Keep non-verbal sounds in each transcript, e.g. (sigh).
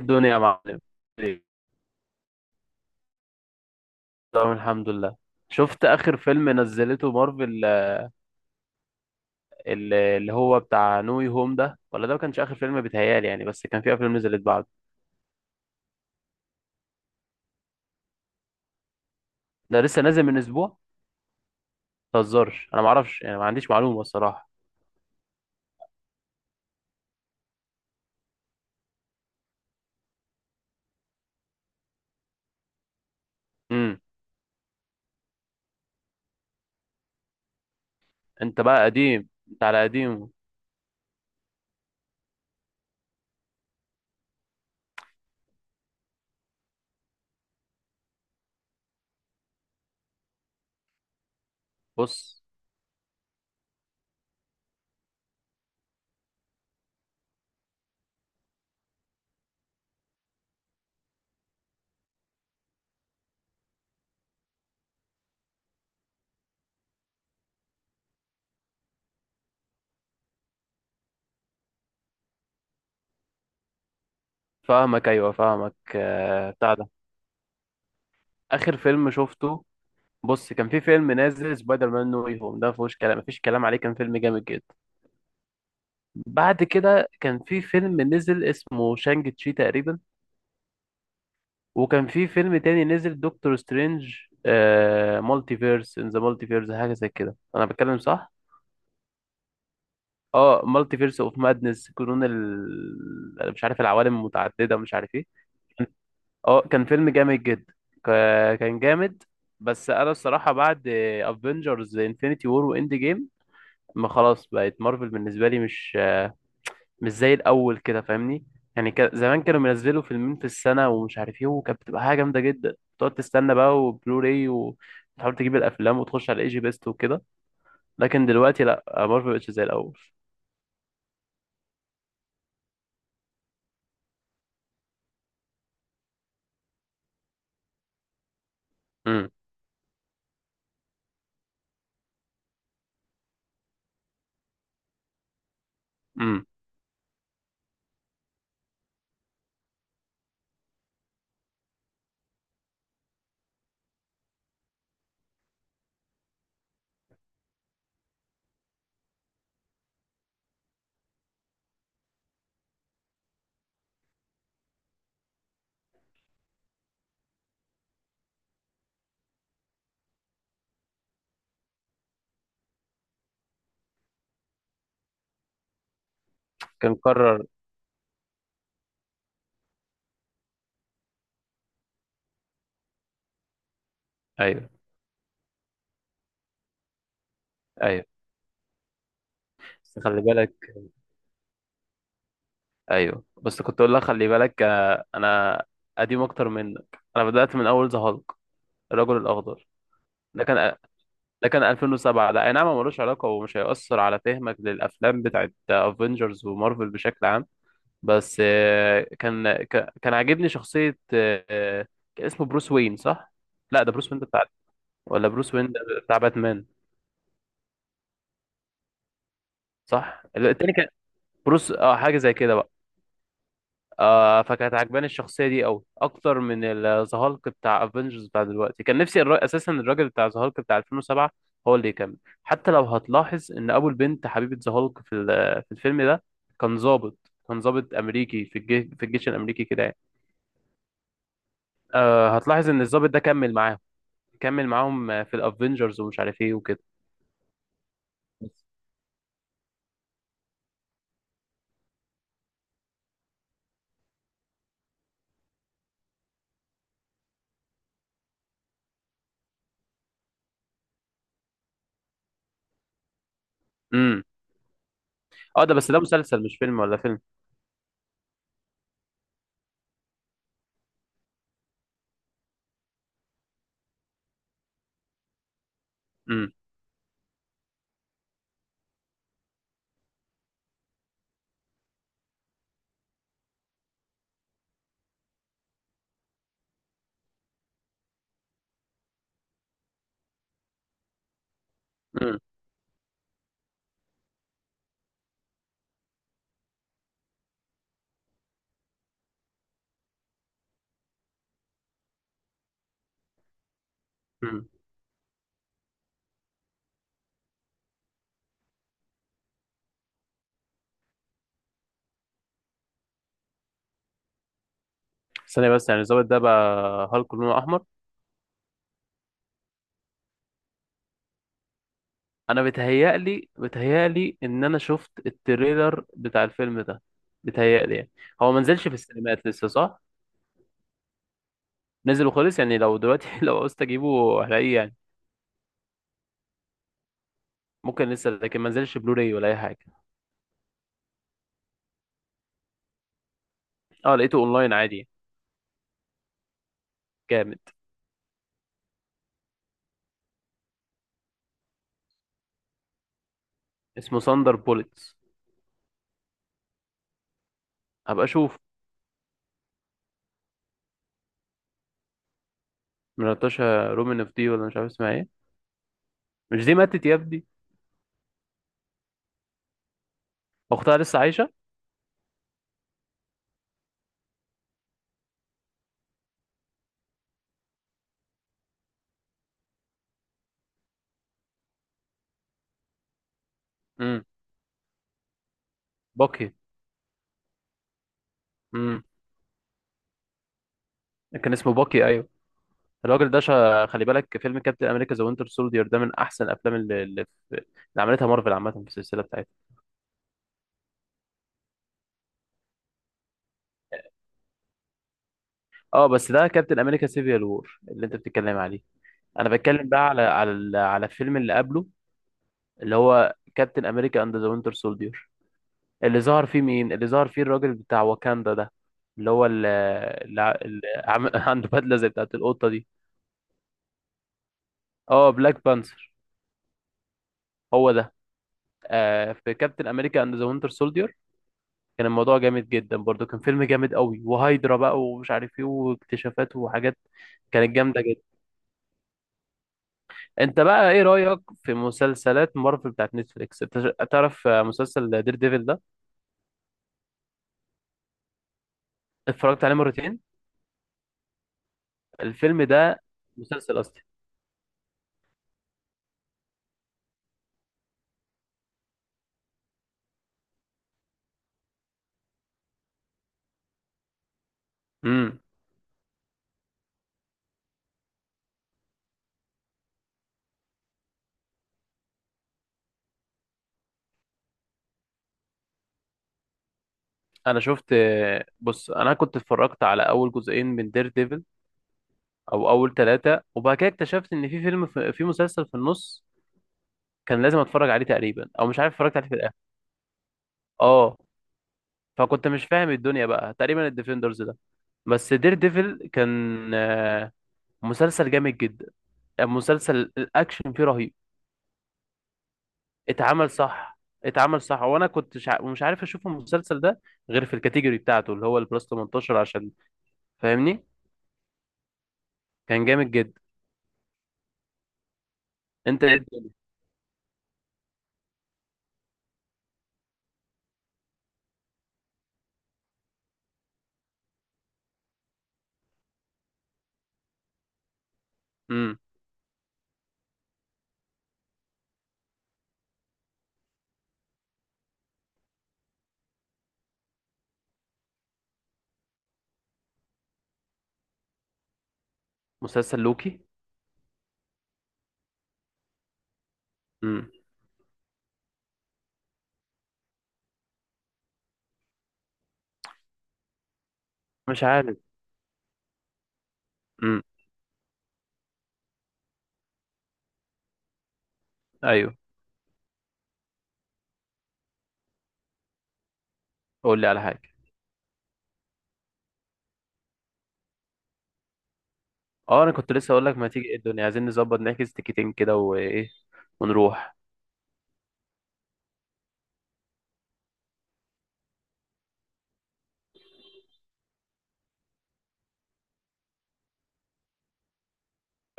الدنيا يا معلم. تمام، الحمد لله. شفت اخر فيلم نزلته مارفل؟ اللي هو بتاع نوي هوم ده؟ ولا ده ما كانش اخر فيلم، بيتهيالي يعني، بس كان في افلام نزلت بعده. ده لسه نازل من اسبوع؟ ما تهزرش، انا ما اعرفش يعني، ما عنديش معلومه الصراحه. امم. انت بقى قديم، انت على قديم. بص. فاهمك، ايوه فاهمك بتاع ده. اخر فيلم شفته، بص كان في فيلم نازل سبايدر مان نوي هوم، ده ما فيهوش كلام، ما فيش كلام عليه، كان فيلم جامد جدا. بعد كده كان في فيلم نزل اسمه شانج تشي تقريبا. وكان في فيلم تاني نزل دكتور سترينج مالتي فيرس ان ذا مالتي فيرس، حاجه زي كده، انا بتكلم صح؟ اه، مالتي فيرس اوف مادنس، قانون أنا مش عارف، العوالم المتعدده، مش عارف ايه. اه كان فيلم جامد جدا. كان جامد. بس انا الصراحه بعد افنجرز انفينيتي وور واند جيم، ما خلاص بقت مارفل بالنسبه لي مش زي الاول كده، فاهمني؟ يعني كان زمان كانوا بينزلوا فيلمين في السنه ومش عارف ايه، وكانت بتبقى حاجه جامده جدا. تقعد تستنى بقى وبلوراي وتحاول تجيب الافلام وتخش على ايجي بيست وكده. لكن دلوقتي لا، مارفل مبقتش زي الاول. امم. امم. كان قرر. ايوه. ايوه، بس خلي بالك. ايوه، بس كنت اقول لك خلي بالك، انا قديم اكتر منك. انا بدات من اول ذا هالك، الرجل الاخضر. ده كان، ده كان 2007. ده اي نعم هو ملوش علاقة ومش هيأثر على فهمك للأفلام بتاعت افنجرز ومارفل بشكل عام. بس كان عاجبني شخصية، كان اسمه بروس وين صح؟ لا ده بروس وين ده بتاع، ولا بروس وين ده بتاع باتمان؟ صح؟ التاني كان بروس، اه حاجة زي كده. آه، فكانت عجباني الشخصية دي أوي، أكتر من الزهالك بتاع افنجرز بتاع دلوقتي. كان نفسي أساسا الراجل بتاع زهالك بتاع 2007 هو اللي يكمل. حتى لو هتلاحظ إن أبو البنت حبيبة زهالك في الفيلم ده كان ضابط، كان ضابط أمريكي في الجيش الأمريكي كده يعني. آه، هتلاحظ إن الضابط ده كمل معاهم، كمل معاهم في الافنجرز ومش عارف إيه وكده. امم. اه ده بس ده مسلسل مش فيلم، ولا فيلم؟ امم. امم. امم. ثانية بس، يعني الضابط ده بقى هالك لونه أحمر؟ انا بتهيألي، بتهيألي ان انا شفت التريلر بتاع الفيلم ده، بتهيألي يعني. هو ما نزلش في السينمات لسه صح؟ نزل وخلص، يعني لو دلوقتي (laughs) لو عاوزت اجيبه هلاقيه يعني؟ ممكن لسه، لكن ما نزلش بلوراي ولا اي حاجه. اه لقيته اونلاين عادي يعني. جامد. اسمه ساندر بوليتس؟ هبقى اشوف. من ناتاشا رومانوف دي؟ ولا مش عارف اسمها ايه. مش دي ماتت يا ابني؟ اختها لسه عايشه؟ امم. باكي. امم. كان اسمه باكي، ايوه. الراجل ده خلي بالك، فيلم كابتن امريكا ذا وينتر سولدير ده من احسن الافلام اللي عملتها مارفل عامه في السلسله بتاعتها. اه بس ده كابتن امريكا سيفيال وور اللي انت بتتكلم عليه. انا بتكلم بقى على على الفيلم اللي قبله، اللي هو كابتن امريكا اند ذا وينتر سولدير. اللي ظهر فيه مين؟ اللي ظهر فيه الراجل بتاع واكاندا ده، اللي هو اللي, اللي عم... (laughs) عنده بدله زي بتاعت القطه دي. اه، بلاك بانثر، هو ده. آه، في كابتن امريكا اند ذا وينتر سولدير كان الموضوع جامد جدا برضو، كان فيلم جامد قوي، وهايدرا بقى ومش عارف ايه، واكتشافات وحاجات كانت جامدة جدا. انت بقى ايه رأيك في مسلسلات مارفل بتاعت نتفليكس؟ انت تعرف مسلسل دير ديفل ده؟ اتفرجت عليه مرتين؟ الفيلم ده، مسلسل اصلي. امم. انا شفت، بص انا كنت اتفرجت على اول جزئين من دير ديفل، او اول ثلاثة، وبعد كده اكتشفت ان في فيلم، في مسلسل في النص كان لازم اتفرج عليه تقريبا، او مش عارف اتفرجت عليه في الاخر. اه، فكنت مش فاهم الدنيا بقى تقريبا، الديفندرز ده. بس دير ديفل كان آه، مسلسل جامد جدا، مسلسل الاكشن فيه رهيب. اتعمل صح، اتعمل صح، وانا كنت مش عارف اشوف المسلسل ده غير في الكاتيجوري بتاعته، اللي هو البلس 18، عشان فاهمني. كان جامد جدا. انت. امم. مسلسل لوكي. امم. مش عارف. امم. ايوه، قول لي على حاجه. اه، انا كنت لسه اقول لك ما تيجي إيه الدنيا، عايزين نظبط نحجز تيكتين كده وايه ونروح.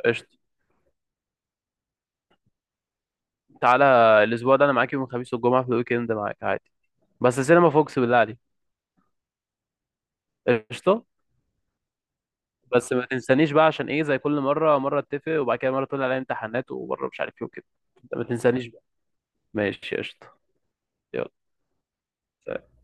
قشطه. تعالى، الاسبوع ده انا معاك يوم الخميس والجمعه، في الويك اند معاك عادي، بس سينما فوكس بالله عليك. قشطه. بس ما تنسانيش بقى، عشان ايه زي كل مره، مره اتفق وبعد كده مره تقول عليا امتحانات، ومره مش عارف ايه وكده. ما تنسانيش بقى. ماشي قشطه. يلا. سلام.